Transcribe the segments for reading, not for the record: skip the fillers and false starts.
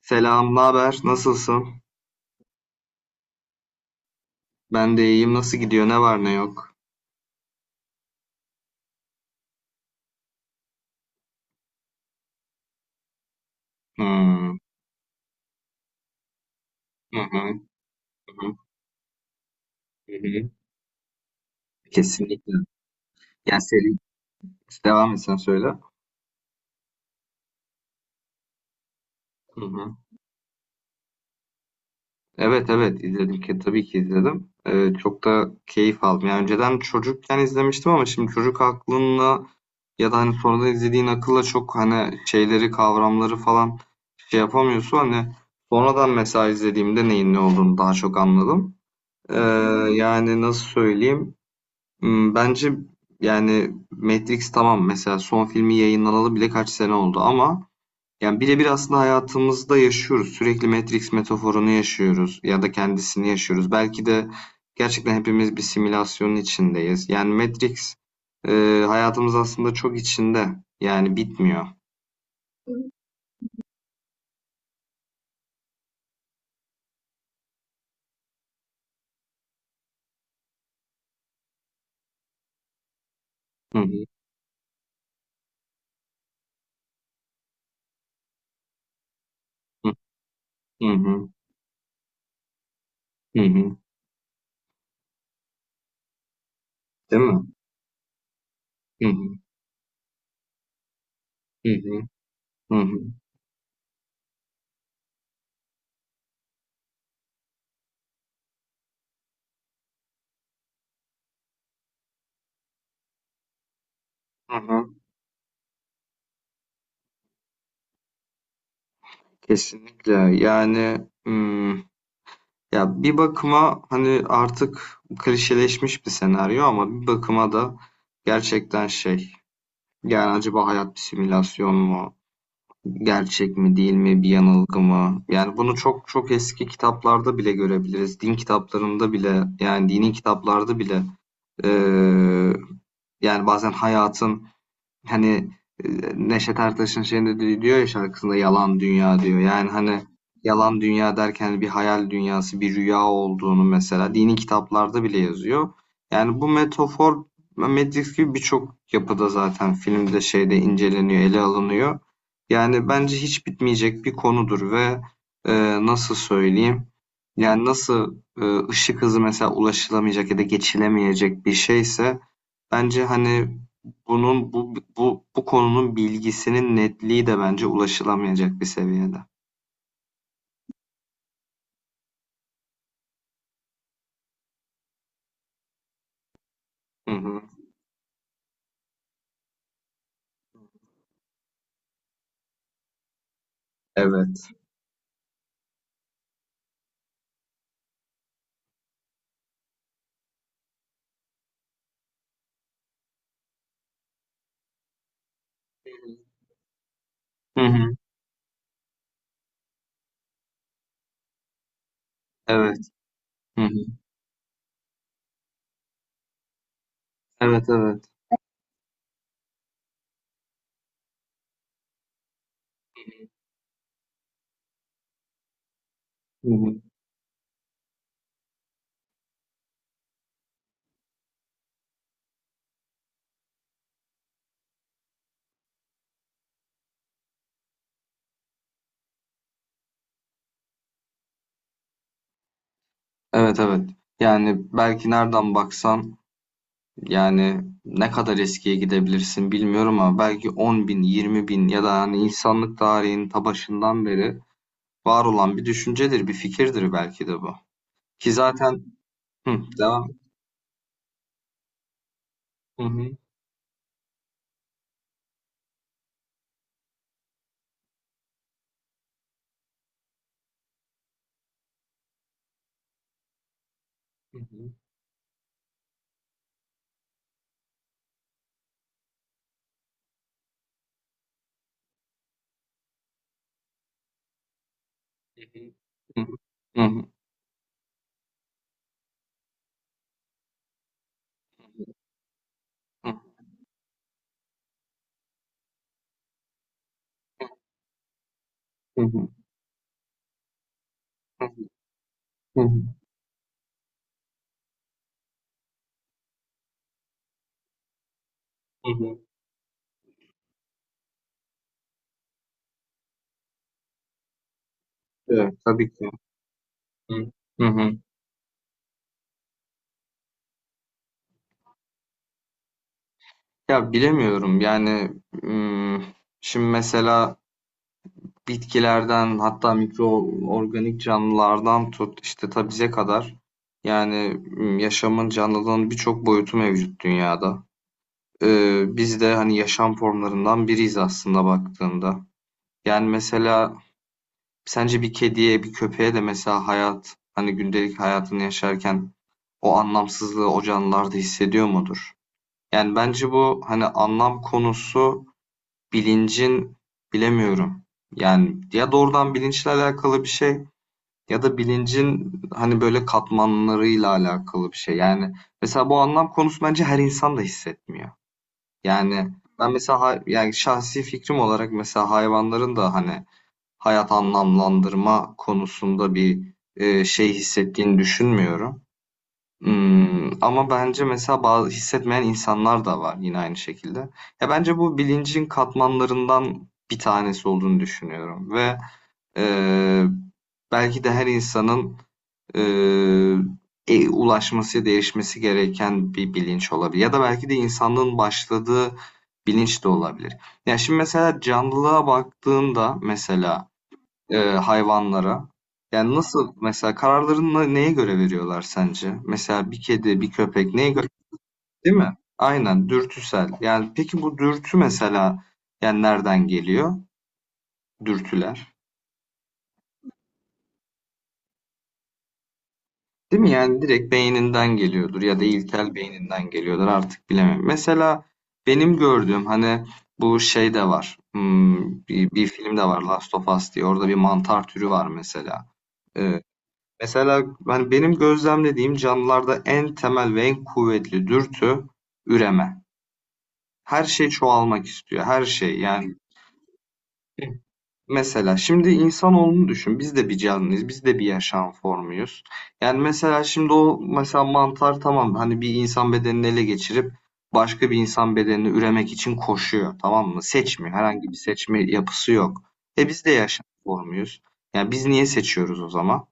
Selam, ne haber? Nasılsın? Ben de iyiyim. Nasıl gidiyor? Ne var ne yok? Hmm. Hı hı, hı hı, hı hı. Kesinlikle. Yani seri devam etsen söyle. Hı hı. Evet evet izledim ki tabii ki izledim. Çok da keyif aldım. Yani önceden çocukken izlemiştim ama şimdi çocuk aklınla ya da hani sonradan izlediğin akılla çok hani şeyleri kavramları falan şey yapamıyorsun. Hani sonradan mesela izlediğimde neyin ne olduğunu daha çok anladım. Ee, yani nasıl söyleyeyim? Bence yani Matrix tamam, mesela son filmi yayınlanalı bile kaç sene oldu ama yani birebir aslında hayatımızda yaşıyoruz. Sürekli Matrix metaforunu yaşıyoruz ya da kendisini yaşıyoruz. Belki de gerçekten hepimiz bir simülasyonun içindeyiz. Yani Matrix e, hayatımız aslında çok içinde. Yani bitmiyor. Hı hı hı hı hı. Hı hı. Değil mi? Hı hı hı hı hı hı. Hı hı. Kesinlikle. Yani ya bir bakıma hani artık klişeleşmiş bir senaryo, ama bir bakıma da gerçekten şey, yani acaba hayat bir simülasyon mu? Gerçek mi değil mi? Bir yanılgı mı? Yani bunu çok çok eski kitaplarda bile görebiliriz. Din kitaplarında bile, yani dini kitaplarda bile, eee, yani bazen hayatın... Hani, Neşet Ertaş'ın şeyinde diyor ya şarkısında, "Yalan dünya" diyor. Yani, hani, yalan dünya derken bir hayal dünyası, bir rüya olduğunu mesela dini kitaplarda bile yazıyor. Yani bu metafor Matrix gibi birçok yapıda zaten, filmde, şeyde inceleniyor, ele alınıyor. Yani bence hiç bitmeyecek bir konudur ve, nasıl söyleyeyim, yani nasıl, ışık hızı mesela ulaşılamayacak ya da geçilemeyecek bir şeyse, bence, hani, bunun bu konunun bilgisinin netliği de bence ulaşılamayacak bir seviyede. Hı hı. Evet. Hı hı. Evet. Hı hı. Evet, evet. Hı hı. Evet, evet. Yani belki nereden baksan, yani, ne kadar eskiye gidebilirsin bilmiyorum ama belki 10.000, bin ya da, hani, insanlık tarihinin ta başından beri var olan bir düşüncedir, bir fikirdir belki de bu. Ki zaten... Hı, devam. Hı hı, hı hı, hı hı, hı hı, hı hı, hı hı, hı hı, hı hı. Evet, tabii ki. Hı hı. Hı. Ya bilemiyorum yani, ım, şimdi mesela bitkilerden hatta mikroorganik canlılardan tut, işte tabize kadar, yani yaşamın, canlılığın birçok boyutu mevcut dünyada. Biz de hani yaşam formlarından biriyiz aslında baktığında. Yani mesela sence bir kediye, bir köpeğe de mesela hayat, hani gündelik hayatını yaşarken o anlamsızlığı, o canlılar da hissediyor mudur? Yani bence bu hani anlam konusu, bilincin... bilemiyorum. Yani ya doğrudan bilinçle alakalı bir şey, ya da bilincin hani böyle katmanlarıyla alakalı bir şey. Yani mesela bu anlam konusu bence her insan da hissetmiyor. Yani ben mesela yani şahsi fikrim olarak mesela hayvanların da hani hayat anlamlandırma konusunda bir, şey hissettiğini düşünmüyorum. Ama bence mesela bazı hissetmeyen insanlar da var, yine aynı şekilde. Ya, bence bu bilincin katmanlarından bir tanesi olduğunu düşünüyorum ve, eee, belki de her insanın, eee, ulaşması, değişmesi gereken bir bilinç olabilir ya da belki de insanlığın başladığı bilinç de olabilir. Ya, şimdi mesela canlılığa baktığında, mesela hayvanlara? Yani nasıl mesela kararlarını neye göre veriyorlar sence? Mesela bir kedi, bir köpek neye göre, değil mi? Aynen, dürtüsel. Yani peki bu dürtü mesela yani nereden geliyor? Dürtüler. Değil mi? Yani direkt beyninden geliyordur ya da ilkel beyninden geliyordur, artık bilemem. Mesela benim gördüğüm hani bu şey de var. Bir film de var, Last of Us diye. Orada bir mantar türü var mesela. Ee, Mesela hani benim gözlemlediğim canlılarda en temel ve en kuvvetli dürtü, üreme. Her şey çoğalmak istiyor. Her şey, yani mesela şimdi insanoğlunu düşün. Biz de bir canlıyız. Biz de bir yaşam formuyuz. Yani mesela şimdi o, mesela mantar tamam, hani bir insan bedenini ele geçirip başka bir insan bedenini üremek için koşuyor. Tamam mı? Seçmiyor. Herhangi bir seçme yapısı yok. E biz de yaşam formuyuz. Yani biz niye seçiyoruz o zaman?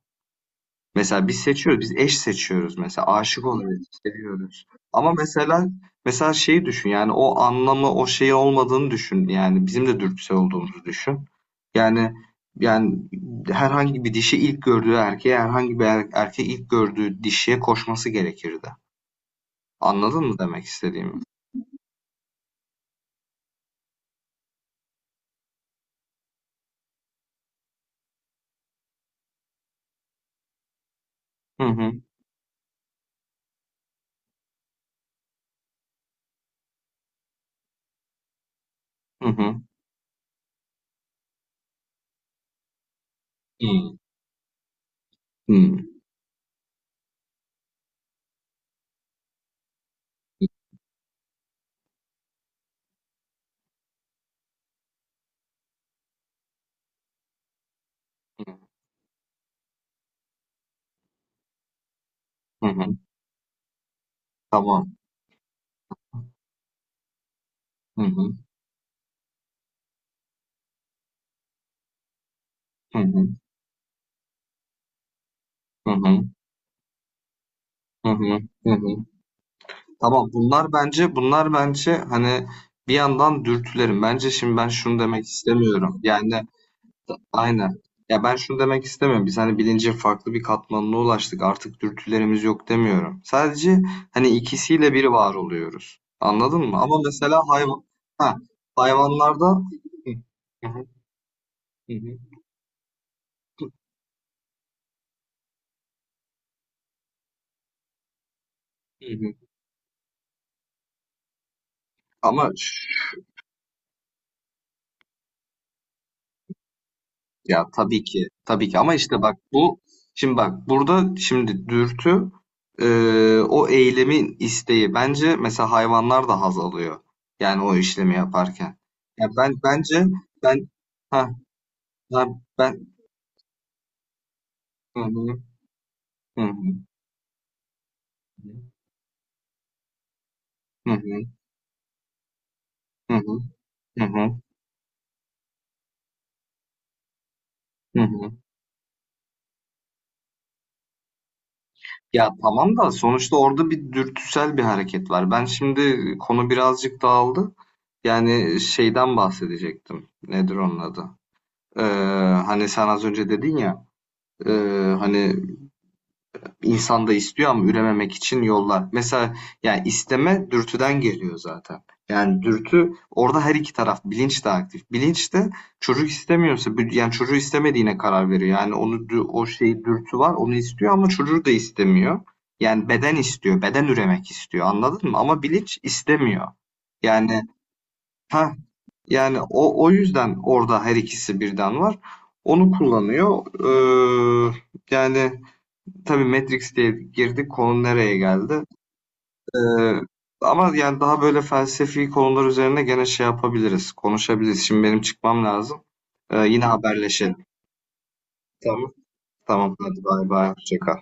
Mesela biz seçiyoruz, biz eş seçiyoruz mesela, aşık oluyoruz, seviyoruz. Ama mesela şeyi düşün, yani o anlamı, o şeyi olmadığını düşün, yani bizim de dürtüsel olduğumuzu düşün. Yani yani herhangi bir dişi ilk gördüğü erkeğe, herhangi bir erkeği ilk gördüğü dişiye koşması gerekirdi. Anladın mı demek istediğimi? Hı hı, hı hı, hı, hı, hı, hı. Tamam. Hı hı, hı hı, hı hı, hı hı, hı hı. Tamam, bunlar bence, bunlar bence hani bir yandan dürtülerim. Bence şimdi ben şunu demek istemiyorum. Yani aynen. Ya ben şunu demek istemiyorum. Biz hani bilincin farklı bir katmanına ulaştık. Artık dürtülerimiz yok demiyorum. Sadece hani ikisiyle bir var oluyoruz. Anladın mı? Ama mesela hayvan, ha, hayvanlarda... Hı hı, hı hı, hı hı. Ama ya, tabii ki. Tabii ki, ama işte bak bu, şimdi bak, burada şimdi dürtü, e, o eylemin isteği. Bence mesela hayvanlar da haz alıyor. Yani o işlemi yaparken. Ya ben, bence ben... ha ha ben... hı hı hı hı hı hı hı hı hı hı hı. Ya tamam da sonuçta orada bir dürtüsel bir hareket var. Ben şimdi, konu birazcık dağıldı. Yani şeyden bahsedecektim. Nedir onun adı? Ee, hani sen az önce dedin ya, e, hani insan da istiyor ama ürememek için yollar. Mesela yani isteme dürtüden geliyor zaten. Yani dürtü orada, her iki taraf, bilinç de aktif. Bilinç de çocuk istemiyorsa yani çocuğu istemediğine karar veriyor. Yani onu, o şeyi, dürtü var onu istiyor ama çocuğu da istemiyor. Yani beden istiyor, beden üremek istiyor. Anladın mı? Ama bilinç istemiyor. Yani ha, yani o yüzden orada her ikisi birden var. Onu kullanıyor. Ee, yani tabii, Matrix diye girdik, konu nereye geldi? Ee, ama yani daha böyle felsefi konular üzerine gene şey yapabiliriz, konuşabiliriz. Şimdi benim çıkmam lazım. Yine haberleşelim. Tamam. Tamam, hadi bay bay. Hoşça kal.